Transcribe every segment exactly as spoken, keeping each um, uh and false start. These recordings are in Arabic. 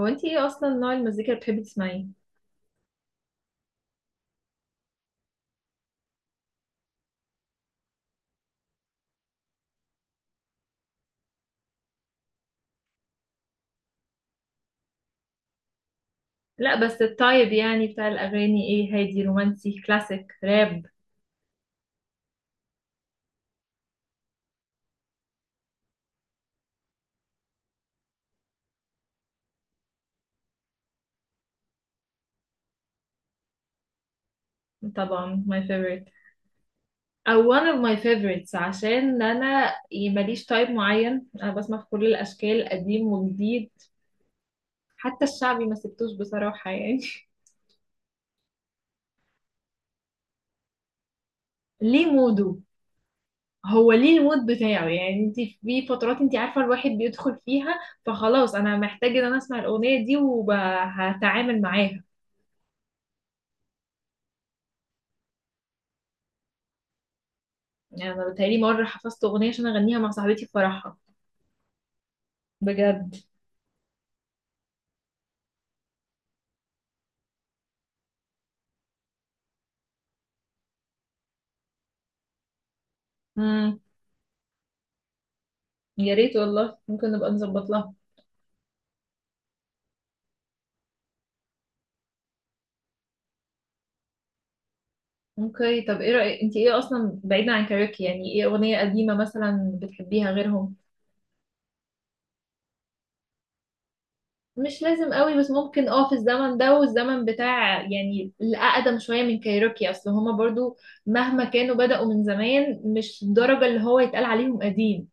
هو انتي ايه اصلا نوع المزيكا اللي بتحبي تسمعيه؟ لا، بس التايب يعني بتاع الاغاني ايه؟ هادي رومانسي، كلاسيك، راب؟ طبعا my favorite، او one of my favorites، عشان انا ماليش تايب معين. انا بسمع في كل الاشكال، قديم وجديد. حتى الشعبي ما سبتوش بصراحة يعني. ليه موده؟ هو ليه المود بتاعه؟ يعني انت في فترات انت عارفة الواحد بيدخل فيها، فخلاص انا محتاج ان انا اسمع الاغنية دي وهتعامل معاها. يعني انا بتهيألي مرة حفظت اغنية عشان اغنيها مع صاحبتي في فرحها، بجد. امم. يا ريت والله، ممكن نبقى نظبط لها. اوكي، طب ايه رأيك؟ انت ايه اصلا بعيدا عن كاريوكي؟ يعني ايه اغنية قديمة مثلا بتحبيها غيرهم؟ مش لازم قوي بس ممكن اه في الزمن ده والزمن بتاع يعني الاقدم شوية من كايروكي، اصل هما برضو مهما كانوا بدأوا من زمان مش الدرجة اللي هو يتقال عليهم قديم.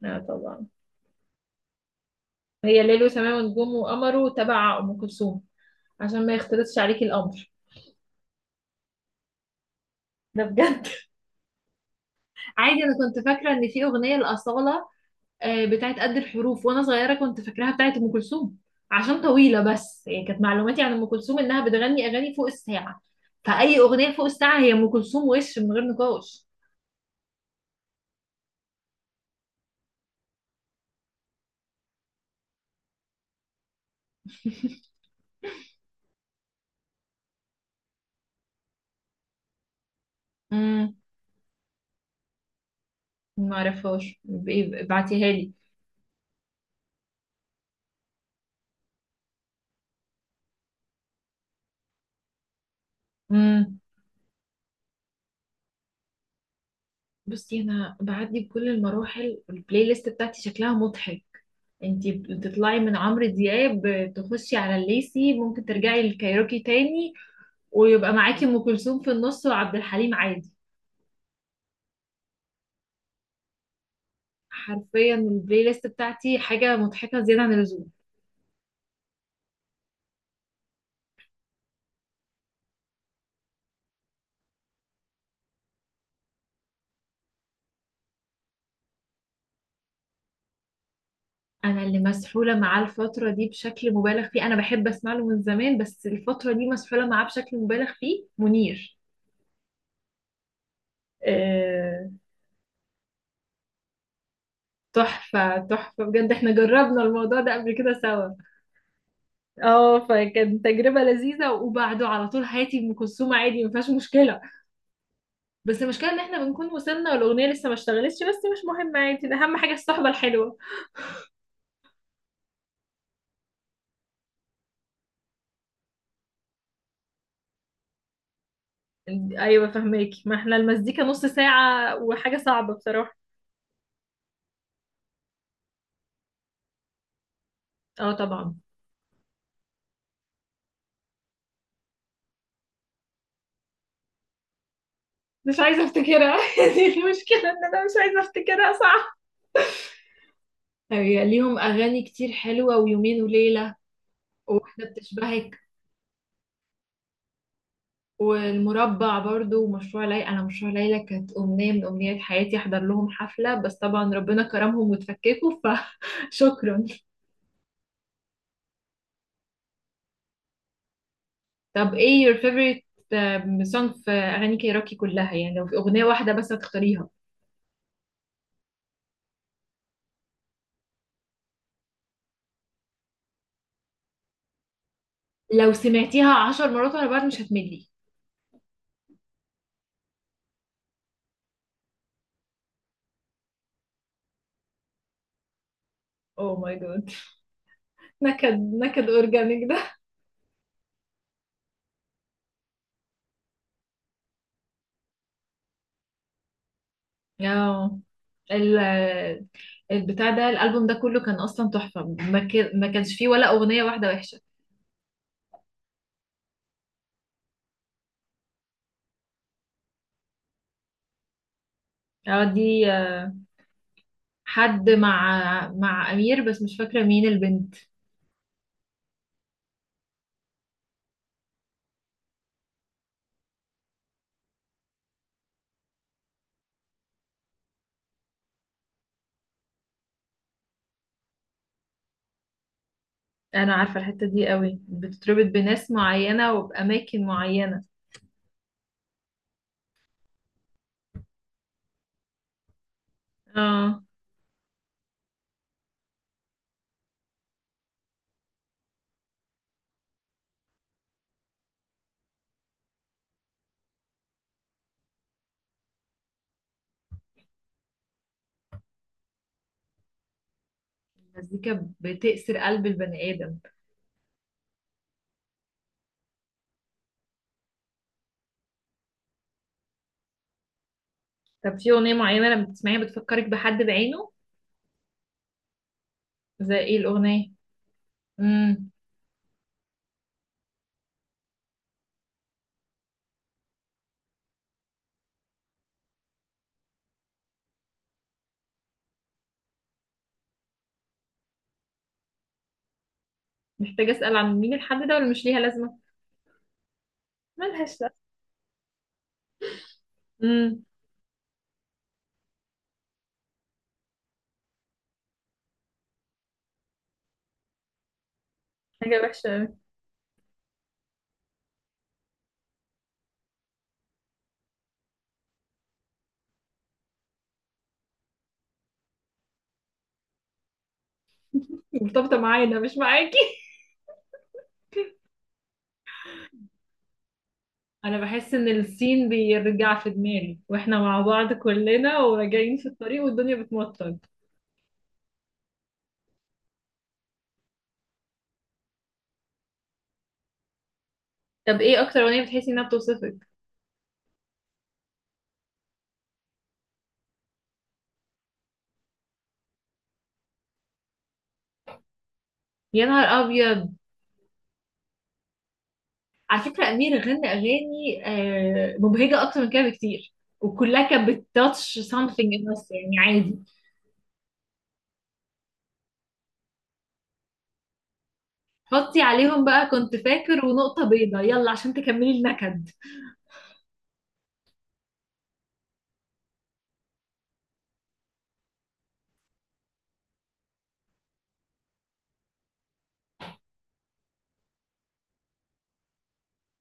لا طبعا. هي ليل وسماء ونجوم وقمر تبع ام كلثوم، عشان ما يختلطش عليكي الامر. ده بجد. عادي، انا كنت فاكره ان في اغنيه لاصاله آه، بتاعت قد الحروف وانا صغيره كنت فاكراها بتاعت ام كلثوم، عشان طويله. بس يعني كانت معلوماتي عن ام كلثوم انها بتغني اغاني فوق الساعه، فاي اغنيه فوق الساعه هي ام كلثوم وش من غير نقاش. امم. ما اعرفهاش، بايه؟ ابعتيها لي. امم. بصي انا بعدي بكل المراحل، البلاي ليست بتاعتي شكلها مضحك. انتي بتطلعي من عمرو دياب تخشي على الليسي، ممكن ترجعي للكايروكي تاني، ويبقى معاكي ام كلثوم في النص وعبد الحليم عادي. حرفيا البلاي ليست بتاعتي حاجه مضحكه زياده عن اللزوم. انا اللي مسحوله معاه الفتره دي بشكل مبالغ فيه، انا بحب اسمع له من زمان بس الفتره دي مسحوله معاه بشكل مبالغ فيه، منير. آه، تحفه تحفه بجد. احنا جربنا الموضوع ده قبل كده سوا. اه، فكانت تجربه لذيذه، وبعده على طول حياتي ام كلثوم عادي، ما فيهاش مشكله. بس المشكله ان احنا بنكون وصلنا والاغنيه لسه ما اشتغلتش، بس مش مهم، عادي، اهم حاجه الصحبه الحلوه. ايوه فهماكي، ما احنا المزيكا نص ساعة وحاجة صعبة بصراحة. اه طبعا. مش عايزة افتكرها. دي المشكلة ان انا مش عايزة افتكرها، صح. هي ليهم اغاني كتير حلوة، ويومين وليلة، وواحدة بتشبهك، والمربع برضو، ومشروع ليلى. انا مشروع ليلى كانت امنية من امنيات حياتي احضر لهم حفلة، بس طبعا ربنا كرمهم وتفككوا، فشكرا. طب ايه your favorite آه، song في اغاني كايروكي كلها؟ يعني لو في اغنية واحدة بس هتختاريها. لو سمعتيها عشر مرات ورا بعض مش هتملي. اوه ماي جاد. نكد. نكد اورجانيك ده. اه. ال- البتاع ده الالبوم ده كله كان اصلا تحفه، ما ك- ما كانش فيه ولا اغنيه واحده وحشه. اه دي آه، حد مع، مع امير بس مش فاكره مين البنت. انا عارفه الحته دي قوي، بتتربط بناس معينه وباماكن معينه. اه. المزيكا بتأسر قلب البني ادم. طب في اغنيه معينه لما بتسمعيها بتفكرك بحد بعينه؟ زي ايه الاغنيه؟ امم. محتاجة أسأل عن مين الحد ده ولا مش ليها لازمة؟ ملهاش لازمة. امم. حاجة وحشة أوي. مرتبطة معايا أنا مش معاكي. أنا بحس إن السين بيرجع في دماغي، وإحنا مع بعض كلنا وراجعين في الطريق والدنيا بتمطر. طب إيه أكتر أغنية بتحسي إنها بتوصفك؟ يا نهار أبيض. على فكرة أمير غنى أغاني آه، مبهجة أكتر من كده بكتير، وكلها كانت بتاتش سامثينج النص يعني، عادي. حطي عليهم بقى كنت فاكر ونقطة بيضة، يلا عشان تكملي النكد.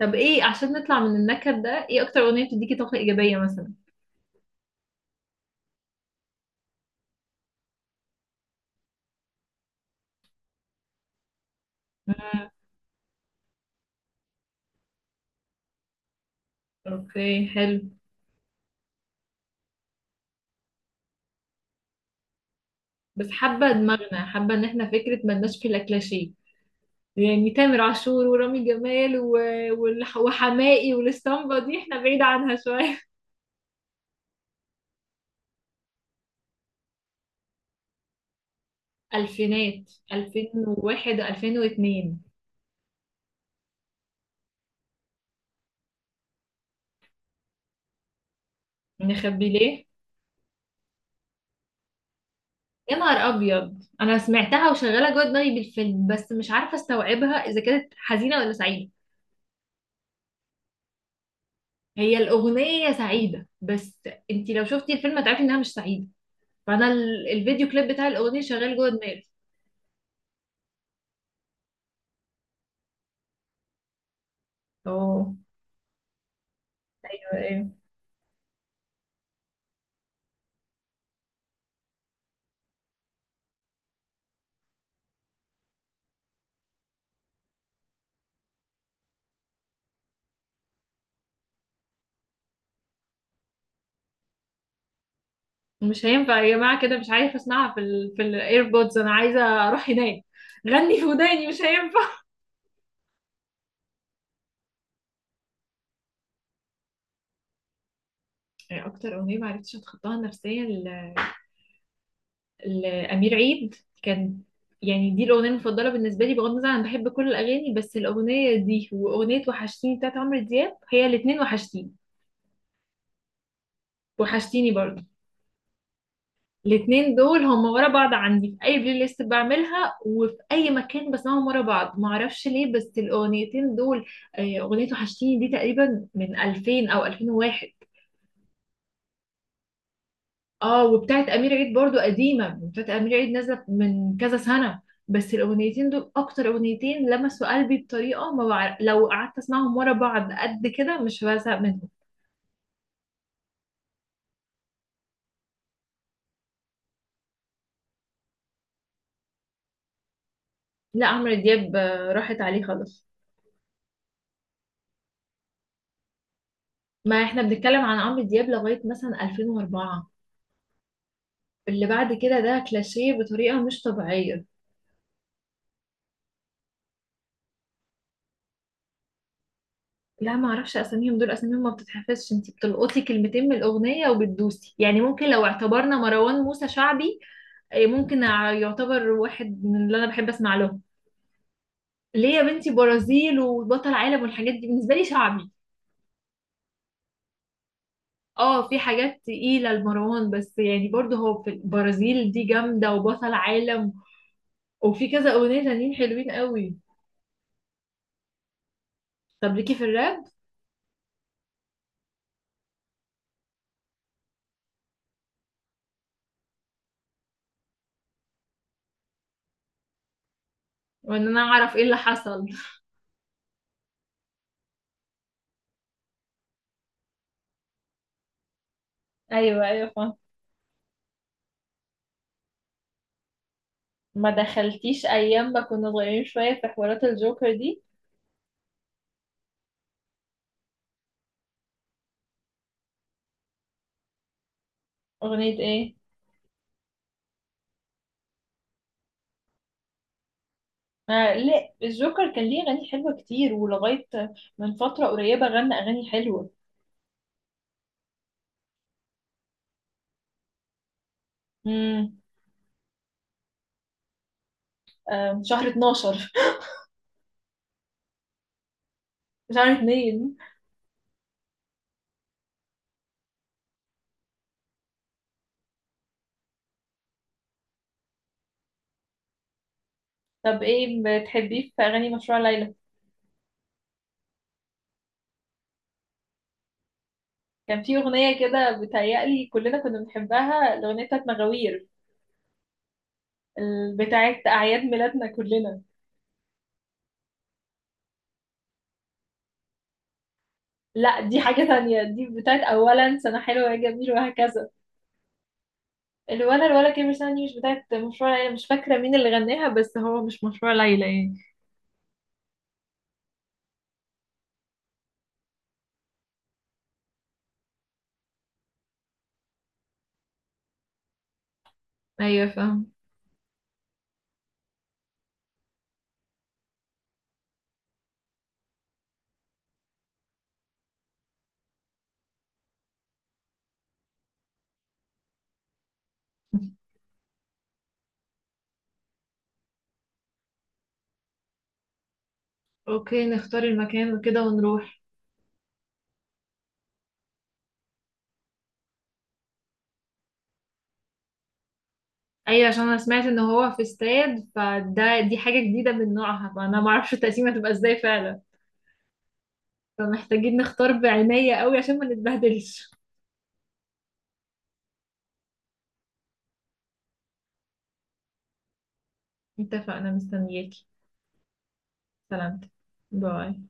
طب ايه عشان نطلع من النكد ده؟ ايه اكتر اغنية بتديكي طاقة ايجابية مثلا؟ مم. اوكي، حلو. بس حابة دماغنا حابة ان احنا فكرة ملناش في الكلاشيه. يعني تامر عاشور ورامي جمال و... والح- وحماقي والاسطمبة دي احنا بعيد عنها شوية. الفينات ألفين وواحد، ألفين واتنين. نخبي ليه؟ يا نهار ابيض. انا سمعتها وشغالة جوه دماغي بالفيلم، بس مش عارفة استوعبها اذا كانت حزينة ولا سعيدة. هي الأغنية سعيدة، بس انت لو شفتي الفيلم هتعرفي انها مش سعيدة. فانا ال- الفيديو كليب بتاع الأغنية شغال جوه دماغي. اوه. ايوه ايوه. مش هينفع يا جماعة كده، مش عارفة اسمعها في ال في الايربودز، انا عايزة اروح هناك. غني في وداني مش هينفع. يعني اكتر أغنية ما عرفتش اتخطاها نفسيا ل- لأمير عيد كان، يعني دي الأغنية المفضلة بالنسبة لي، بغض النظر انا بحب كل الأغاني بس الأغنية دي وأغنية وحشتيني بتاعت عمرو دياب هي الاتنين. وحشتيني. وحشتيني برضه. الاتنين دول هم ورا بعض عندي في اي بلاي ليست بعملها، وفي اي مكان بسمعهم ورا بعض، ما اعرفش ليه، بس الاغنيتين دول. آه، اغنية وحشتيني دي تقريبا من ألفين او ألفين وواحد. اه، وبتاعت امير عيد برضو قديمة، بتاعت امير عيد نازلة من كذا سنة. بس الاغنيتين دول اكتر اغنيتين لمسوا قلبي بطريقة ما بعرف، لو قعدت اسمعهم ورا بعض قد كده مش بزهق منهم. لا عمرو دياب آه، راحت عليه خالص. ما احنا بنتكلم عن عمرو دياب لغاية مثلا ألفين واربعة، اللي بعد كده ده كلاشيه بطريقة مش طبيعية. لا ما اعرفش اساميهم، دول اساميهم ما بتتحفظش، انت بتلقطي كلمتين من الاغنية وبتدوسي. يعني ممكن لو اعتبرنا مروان موسى شعبي، إيه، ممكن ع- يعتبر واحد من اللي انا بحب اسمع لهم. ليه يا بنتي؟ برازيل وبطل عالم والحاجات دي بالنسبة لي شعبي. اه، في حاجات تقيلة لمروان بس يعني برضه هو في البرازيل دي جامدة وبطل عالم، وفي كذا اغنية تانيين حلوين قوي. طب ليكي في الراب؟ وان انا اعرف ايه اللي حصل. ايوه ايوه فاهمة. ما دخلتيش ايام ما كنا صغيرين شويه في حوارات الجوكر دي؟ اغنيه ايه؟ آه لا، الجوكر كان ليه اغاني حلوه كتير، ولغايه من فتره قريبه غنى اغاني حلوه. امم. آه شهر اتناشر. شهر اتنين. طب ايه بتحبيه في اغاني مشروع ليلى؟ كان في اغنيه كده بتهيألي كلنا كنا بنحبها، الاغنيه بتاعت مغاوير. ال- بتاعت اعياد ميلادنا كلنا. لا دي حاجه تانية، دي بتاعت اولا سنه حلوه يا جميل وهكذا. الوانا الولا كبر سنة دي مش بتاعت مشروع ليلى، مش فاكرة مين اللي غناها بس هو مش مشروع ليلى يعني. أيوة فاهم. أوكي نختار المكان وكده ونروح. أيوة، عشان أنا سمعت إن هو في استاد، فده دي حاجة جديدة من نوعها، فأنا معرفش التقسيمة هتبقى إزاي فعلا، فمحتاجين نختار بعناية قوي عشان ما نتبهدلش. اتفقنا، مستنياكي. سلامتك. باي.